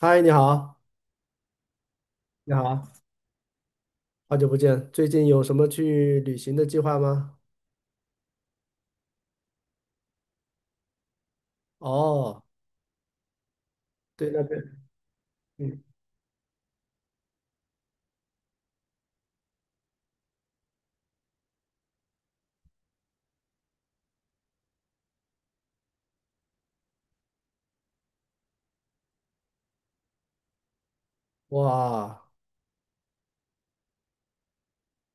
嗨，你好，你好，好久不见。最近有什么去旅行的计划吗？哦，对，那边，嗯，哇，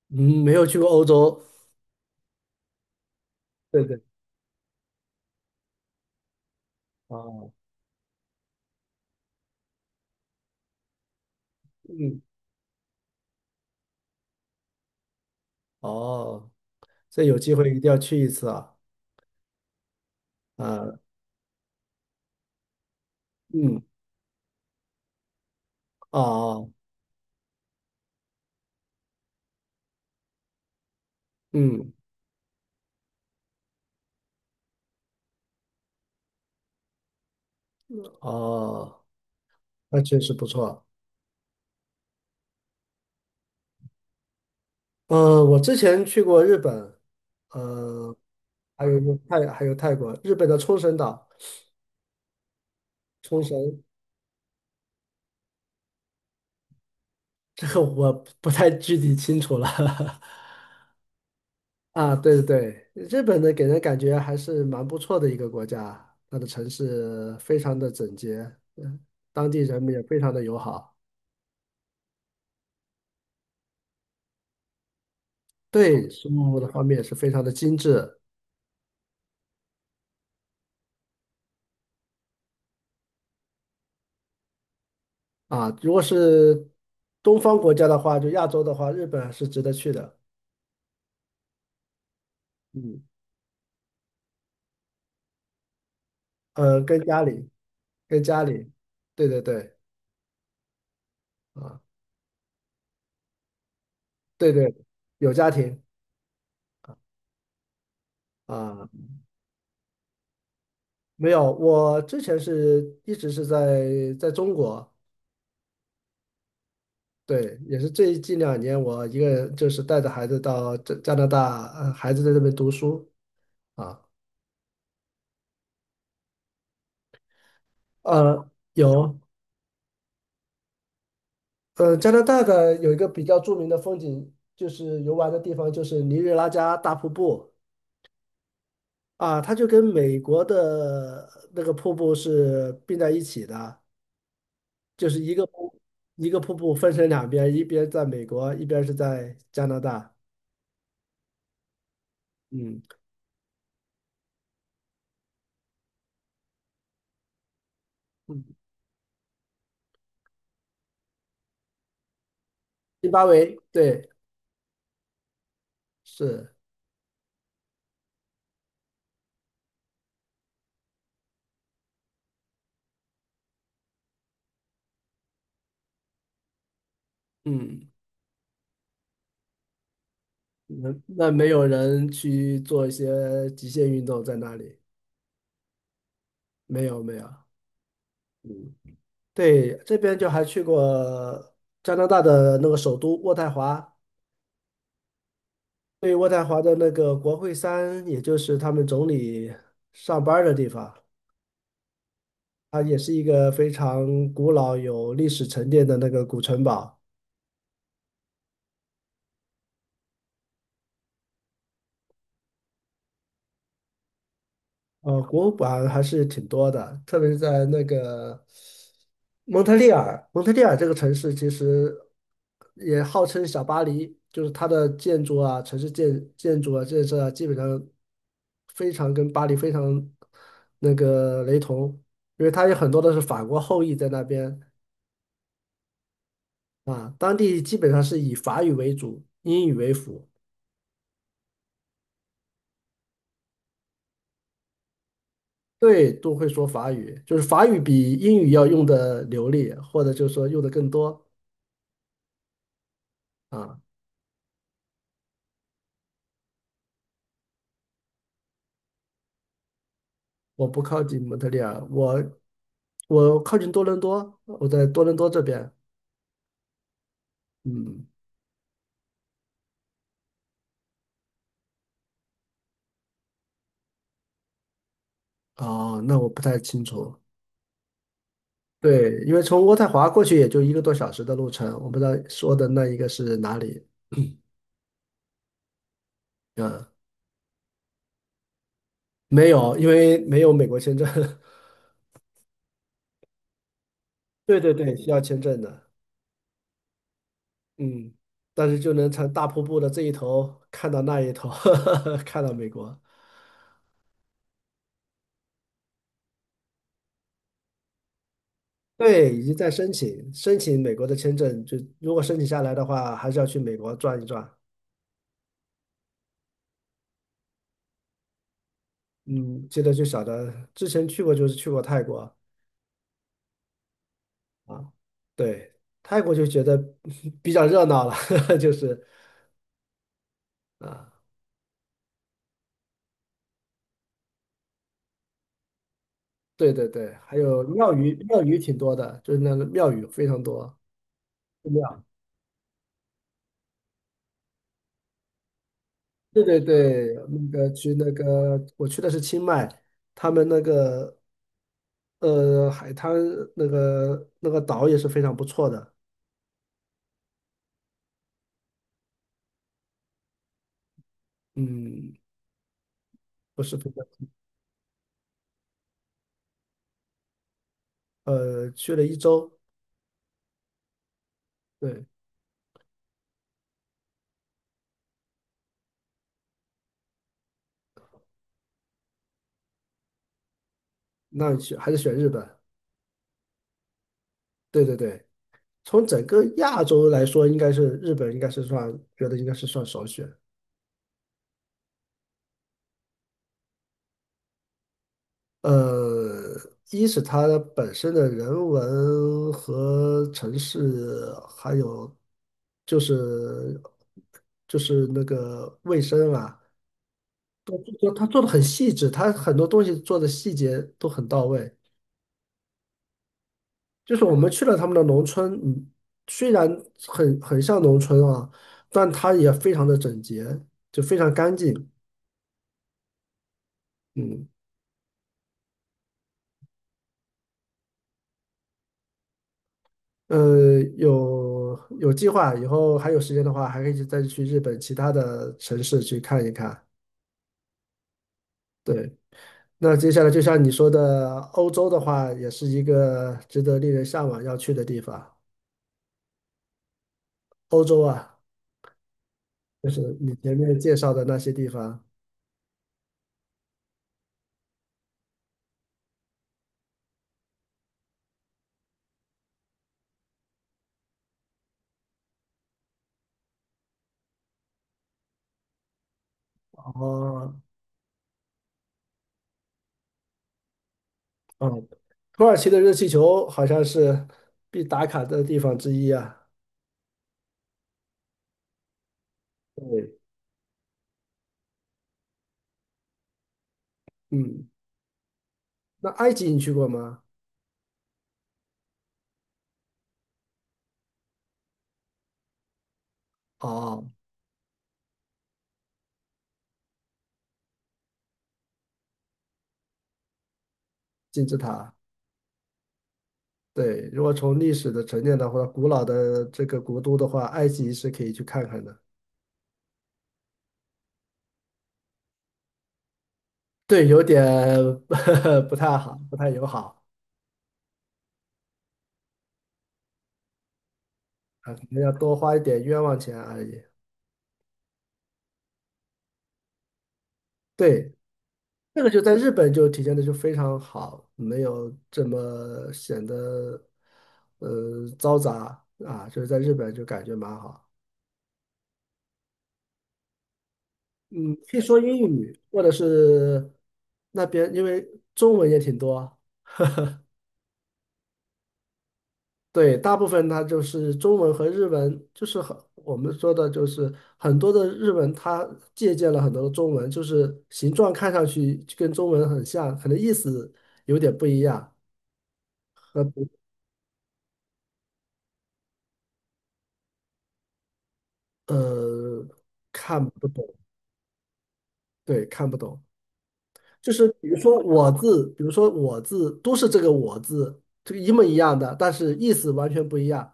嗯，没有去过欧洲，对对，哦，嗯，哦，这有机会一定要去一次啊，啊，嗯，哦，嗯，哦，那确实不错。我之前去过日本，呃，还有一个泰，还有泰国，日本的冲绳岛，冲绳，这个我不太具体清楚了。啊，对对对，日本呢给人感觉还是蛮不错的一个国家，它的城市非常的整洁，嗯，当地人民也非常的友好，对生活的方面也是非常的精致啊。如果是东方国家的话，就亚洲的话，日本还是值得去的，嗯，跟家里，跟家里，对对对，啊，对对，有家庭啊，没有，我之前是一直是在中国。对，也是最近两年，我一个人就是带着孩子到加拿大，呃，孩子在这边读书啊，呃，有，呃，加拿大的有一个比较著名的风景，就是游玩的地方，就是尼日拉加大瀑布啊，它就跟美国的那个瀑布是并在一起的，就是一个瀑一个瀑布分成两边，一边在美国，一边是在加拿大，嗯，嗯，津巴维，对，是，嗯。那那没有人去做一些极限运动在那里？没有没有，嗯，对，这边就还去过加拿大的那个首都渥太华，对，渥太华的那个国会山，也就是他们总理上班儿的地方，它也是一个非常古老有历史沉淀的那个古城堡。呃，博物馆还是挺多的，特别是在那个蒙特利尔，蒙特利尔这个城市其实也号称小巴黎，就是它的建筑啊、城市建筑啊、建设啊，基本上非常跟巴黎非常那个雷同，因为它有很多都是法国后裔在那边啊，当地基本上是以法语为主，英语为辅。对，都会说法语，就是法语比英语要用的流利，或者就是说用的更多啊。我不靠近蒙特利尔，我靠近多伦多，我在多伦多这边。嗯，哦，那我不太清楚。对，因为从渥太华过去也就一个多小时的路程，我不知道说的那一个是哪里。嗯，没有，因为没有美国签证。对对对，需要签证的。嗯，但是就能从大瀑布的这一头看到那一头，看到美国。对，已经在申请美国的签证，就如果申请下来的话，还是要去美国转一转。嗯，记得就晓得，之前去过就是去过泰国啊，对，泰国就觉得 比较热闹了，就是啊，对对对，还有庙宇，庙宇挺多的，就是那个庙宇非常多，寺庙，对对对，那个去那个我去的是清迈，他们那个呃海滩那个那个岛也是非常不错的，嗯，不是非常，呃，去了一周，对，那选还是选日本，对对对。从整个亚洲来说，应该是日本，应该是算，觉得应该是算首选。呃，一是它本身的人文和城市，还有就是就是那个卫生啊，都它做的很细致，它很多东西做的细节都很到位。就是我们去了他们的农村，嗯，虽然很像农村啊，但它也非常的整洁，就非常干净，嗯。呃，有有计划，以后还有时间的话，还可以再去日本其他的城市去看一看。对，那接下来就像你说的，欧洲的话，也是一个值得令人向往要去的地方。欧洲啊，就是你前面介绍的那些地方。哦，嗯，土耳其的热气球好像是必打卡的地方之一啊。对，嗯，那埃及你去过吗？哦，金字塔。对，如果从历史的沉淀的话，古老的这个国都的话，埃及是可以去看看的。对，有点 不太好，不太友好啊，可能要多花一点冤枉钱而已。对，这个就在日本就体现的就非常好，没有这么显得嘈杂啊，就是在日本就感觉蛮好。嗯，可以说英语，或者是那边因为中文也挺多对，大部分它就是中文和日文，就是很我们说的，就是很多的日文，它借鉴了很多的中文，就是形状看上去就跟中文很像，可能意思有点不一样，和不呃看不懂，对，看不懂。就是比如说我字，比如说我字，都是这个我字，这个一模一样的，但是意思完全不一样。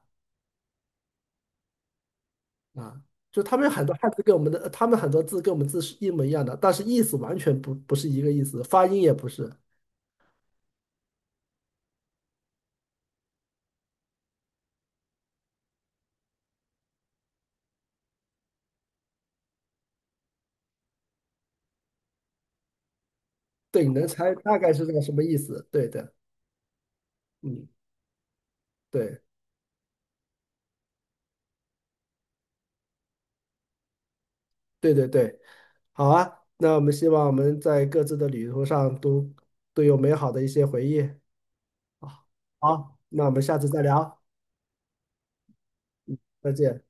啊，就他们有很多汉字跟我们的，他们很多字跟我们字是一模一样的，但是意思完全不是一个意思，发音也不是。对，你能猜大概是个什么意思？对的，嗯，对，对对对，好啊。那我们希望我们在各自的旅途上都有美好的一些回忆。好，好，那我们下次再聊，再见。